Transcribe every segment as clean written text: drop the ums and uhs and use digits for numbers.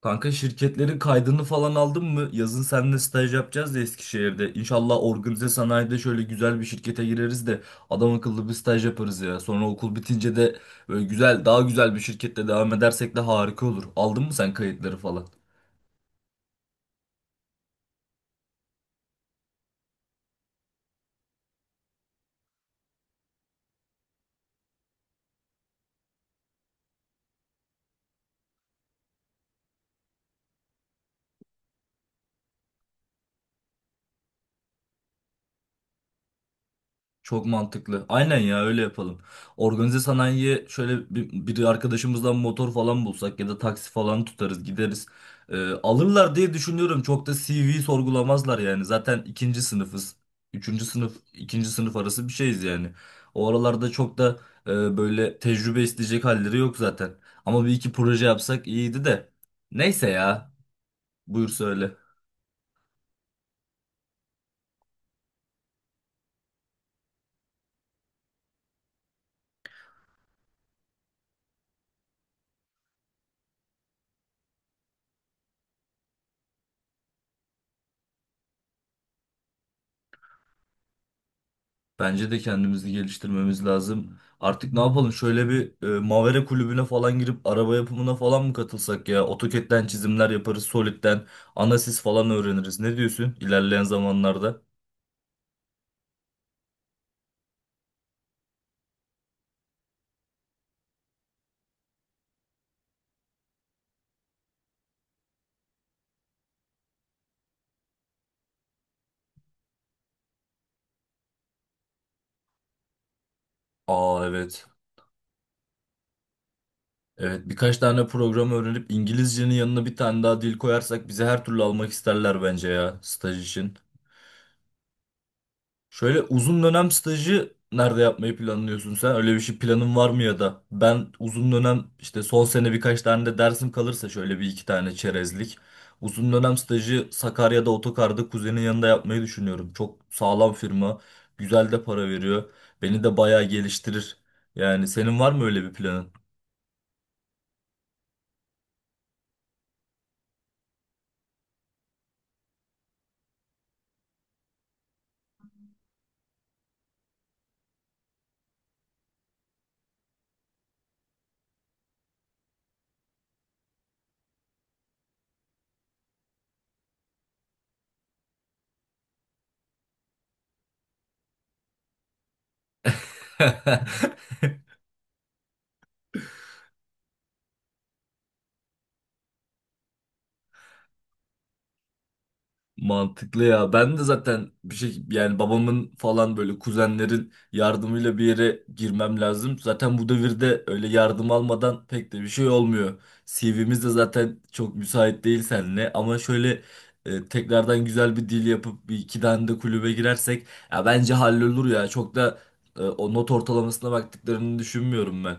Kanka şirketlerin kaydını falan aldın mı? Yazın seninle staj yapacağız ya Eskişehir'de. İnşallah organize sanayide şöyle güzel bir şirkete gireriz de adam akıllı bir staj yaparız ya. Sonra okul bitince de böyle güzel, daha güzel bir şirkette devam edersek de harika olur. Aldın mı sen kayıtları falan? Çok mantıklı. Aynen ya öyle yapalım. Organize sanayiye şöyle bir arkadaşımızdan motor falan bulsak ya da taksi falan tutarız gideriz. Alırlar diye düşünüyorum. Çok da CV sorgulamazlar yani. Zaten ikinci sınıfız. Üçüncü sınıf, ikinci sınıf arası bir şeyiz yani. O aralarda çok da böyle tecrübe isteyecek halleri yok zaten. Ama bir iki proje yapsak iyiydi de. Neyse ya. Buyur söyle. Bence de kendimizi geliştirmemiz lazım. Artık ne yapalım? Şöyle bir Mavera kulübüne falan girip araba yapımına falan mı katılsak ya? AutoCAD'den çizimler yaparız, Solid'den Anasys falan öğreniriz. Ne diyorsun ilerleyen zamanlarda? Aa evet. Evet, birkaç tane program öğrenip İngilizcenin yanına bir tane daha dil koyarsak bizi her türlü almak isterler bence ya staj için. Şöyle uzun dönem stajı nerede yapmayı planlıyorsun sen? Öyle bir şey planın var mı ya da? Ben uzun dönem işte son sene birkaç tane de dersim kalırsa şöyle bir iki tane çerezlik. Uzun dönem stajı Sakarya'da otokarda kuzenin yanında yapmayı düşünüyorum. Çok sağlam firma, güzel de para veriyor. Beni de bayağı geliştirir. Yani senin var mı öyle bir planın? Mantıklı ya. Ben de zaten bir şey yani babamın falan böyle kuzenlerin yardımıyla bir yere girmem lazım. Zaten bu devirde öyle yardım almadan pek de bir şey olmuyor. CV'miz de zaten çok müsait değil seninle ama şöyle tekrardan güzel bir dil yapıp bir iki tane de kulübe girersek ya bence hallolur ya. Çok da o not ortalamasına baktıklarını düşünmüyorum ben.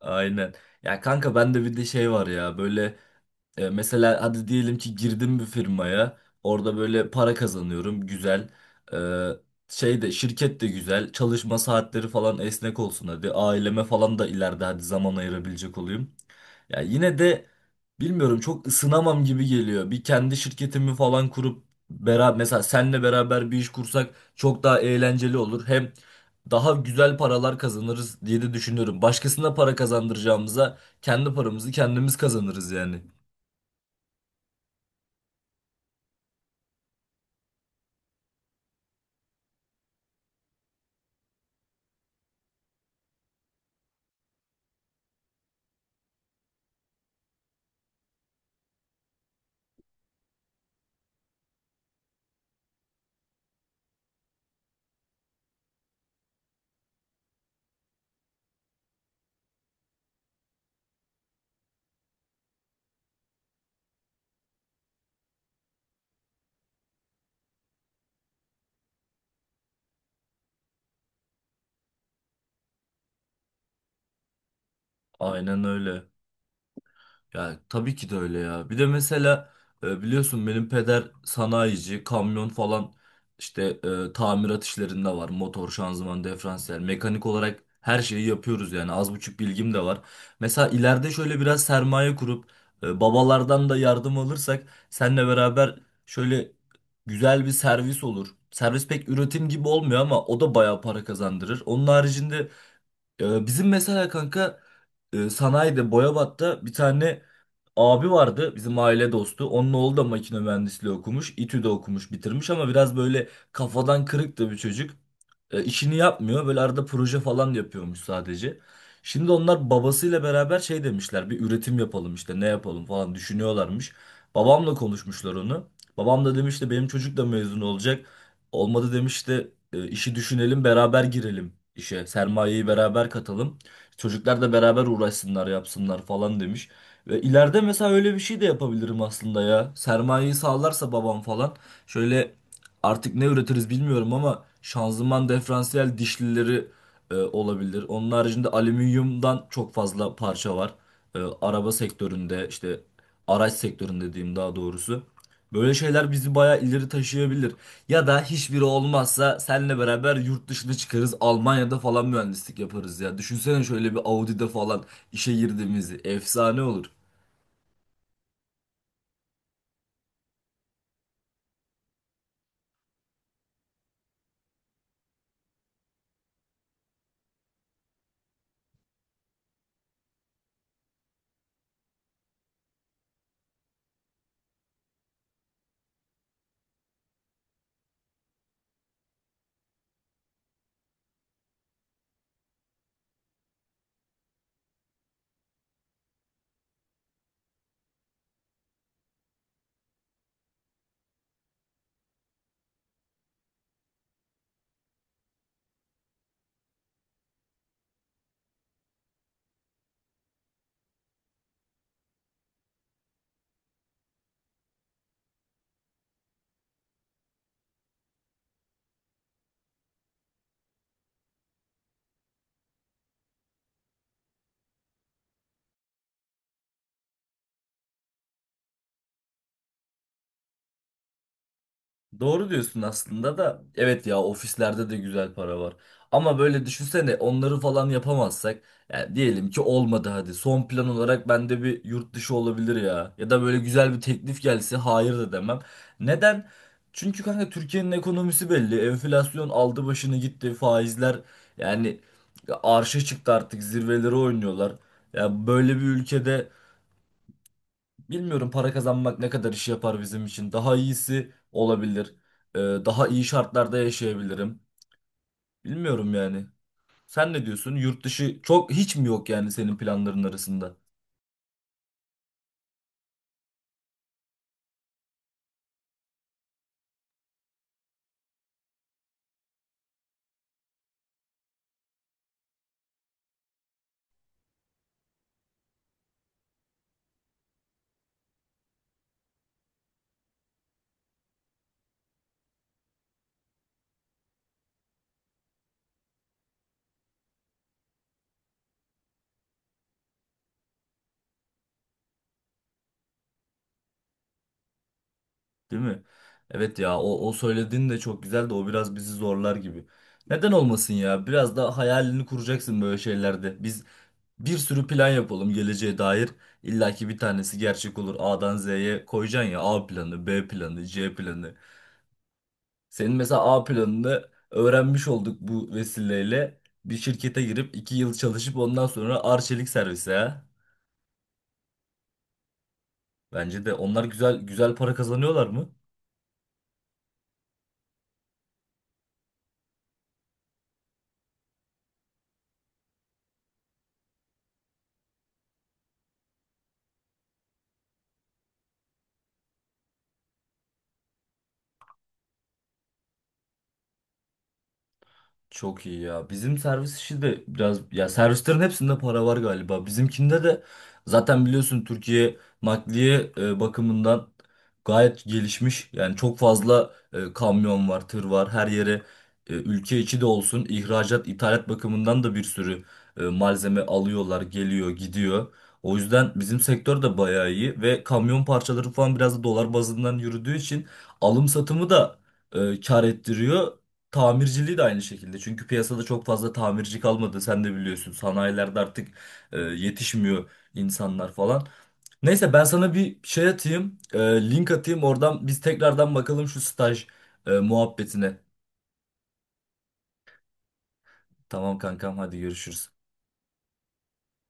Aynen. Ya kanka ben de bir de şey var ya böyle. Mesela hadi diyelim ki girdim bir firmaya. Orada böyle para kazanıyorum. Güzel. E, Şey de şirket de güzel. Çalışma saatleri falan esnek olsun hadi. Aileme falan da ileride hadi zaman ayırabilecek olayım. Ya yine de bilmiyorum, çok ısınamam gibi geliyor. Bir kendi şirketimi falan kurup beraber, mesela senle beraber bir iş kursak çok daha eğlenceli olur. Hem daha güzel paralar kazanırız diye de düşünüyorum. Başkasına para kazandıracağımıza kendi paramızı kendimiz kazanırız yani. Aynen öyle. Yani tabii ki de öyle ya. Bir de mesela biliyorsun benim peder sanayici, kamyon falan işte tamirat işlerinde var. Motor, şanzıman, diferansiyel, mekanik olarak her şeyi yapıyoruz yani. Az buçuk bilgim de var. Mesela ileride şöyle biraz sermaye kurup babalardan da yardım alırsak seninle beraber şöyle güzel bir servis olur. Servis pek üretim gibi olmuyor ama o da bayağı para kazandırır. Onun haricinde bizim mesela kanka sanayide Boyabat'ta bir tane abi vardı bizim aile dostu. Onun oğlu da makine mühendisliği okumuş. İTÜ'de okumuş, bitirmiş ama biraz böyle kafadan kırık da bir çocuk. İşini yapmıyor. Böyle arada proje falan yapıyormuş sadece. Şimdi onlar babasıyla beraber şey demişler. Bir üretim yapalım işte ne yapalım falan düşünüyorlarmış. Babamla konuşmuşlar onu. Babam da demiş de benim çocuk da mezun olacak. Olmadı demiş de işi düşünelim, beraber girelim işe. Sermayeyi beraber katalım. Çocuklar da beraber uğraşsınlar, yapsınlar falan demiş. Ve ileride mesela öyle bir şey de yapabilirim aslında ya. Sermayeyi sağlarsa babam falan. Şöyle artık ne üretiriz bilmiyorum ama şanzıman, diferansiyel dişlileri olabilir. Onun haricinde alüminyumdan çok fazla parça var. Araba sektöründe işte araç sektöründe diyeyim daha doğrusu. Böyle şeyler bizi bayağı ileri taşıyabilir. Ya da hiçbiri olmazsa seninle beraber yurt dışına çıkarız. Almanya'da falan mühendislik yaparız ya. Düşünsene şöyle bir Audi'de falan işe girdiğimizi. Efsane olur. Doğru diyorsun aslında da, evet ya, ofislerde de güzel para var. Ama böyle düşünsene onları falan yapamazsak, yani diyelim ki olmadı hadi, son plan olarak bende bir yurt dışı olabilir ya. Ya da böyle güzel bir teklif gelse hayır da demem. Neden? Çünkü kanka Türkiye'nin ekonomisi belli. Enflasyon aldı başını gitti. Faizler, yani arşa çıktı, artık zirveleri oynuyorlar. Ya böyle bir ülkede bilmiyorum para kazanmak ne kadar iş yapar bizim için. Daha iyisi olabilir. Daha iyi şartlarda yaşayabilirim. Bilmiyorum yani. Sen ne diyorsun? Yurt dışı çok hiç mi yok yani senin planların arasında? Değil mi? Evet ya o söylediğin de çok güzel de o biraz bizi zorlar gibi. Neden olmasın ya? Biraz da hayalini kuracaksın böyle şeylerde. Biz bir sürü plan yapalım geleceğe dair. İlla ki bir tanesi gerçek olur. A'dan Z'ye koyacaksın ya. A planı, B planı, C planı. Senin mesela A planını öğrenmiş olduk bu vesileyle. Bir şirkete girip iki yıl çalışıp ondan sonra arçelik servise. Ha. Bence de onlar güzel güzel para kazanıyorlar mı? Çok iyi ya. Bizim servis işi de biraz, ya servislerin hepsinde para var galiba. Bizimkinde de zaten biliyorsun Türkiye nakliye bakımından gayet gelişmiş. Yani çok fazla kamyon var, tır var. Her yere ülke içi de olsun, ihracat, ithalat bakımından da bir sürü malzeme alıyorlar, geliyor, gidiyor. O yüzden bizim sektör de bayağı iyi ve kamyon parçaları falan biraz da dolar bazından yürüdüğü için alım satımı da kar ettiriyor. Tamirciliği de aynı şekilde. Çünkü piyasada çok fazla tamirci kalmadı. Sen de biliyorsun. Sanayilerde artık yetişmiyor insanlar falan. Neyse, ben sana bir şey atayım. Link atayım. Oradan biz tekrardan bakalım şu staj muhabbetine. Tamam kankam, hadi görüşürüz.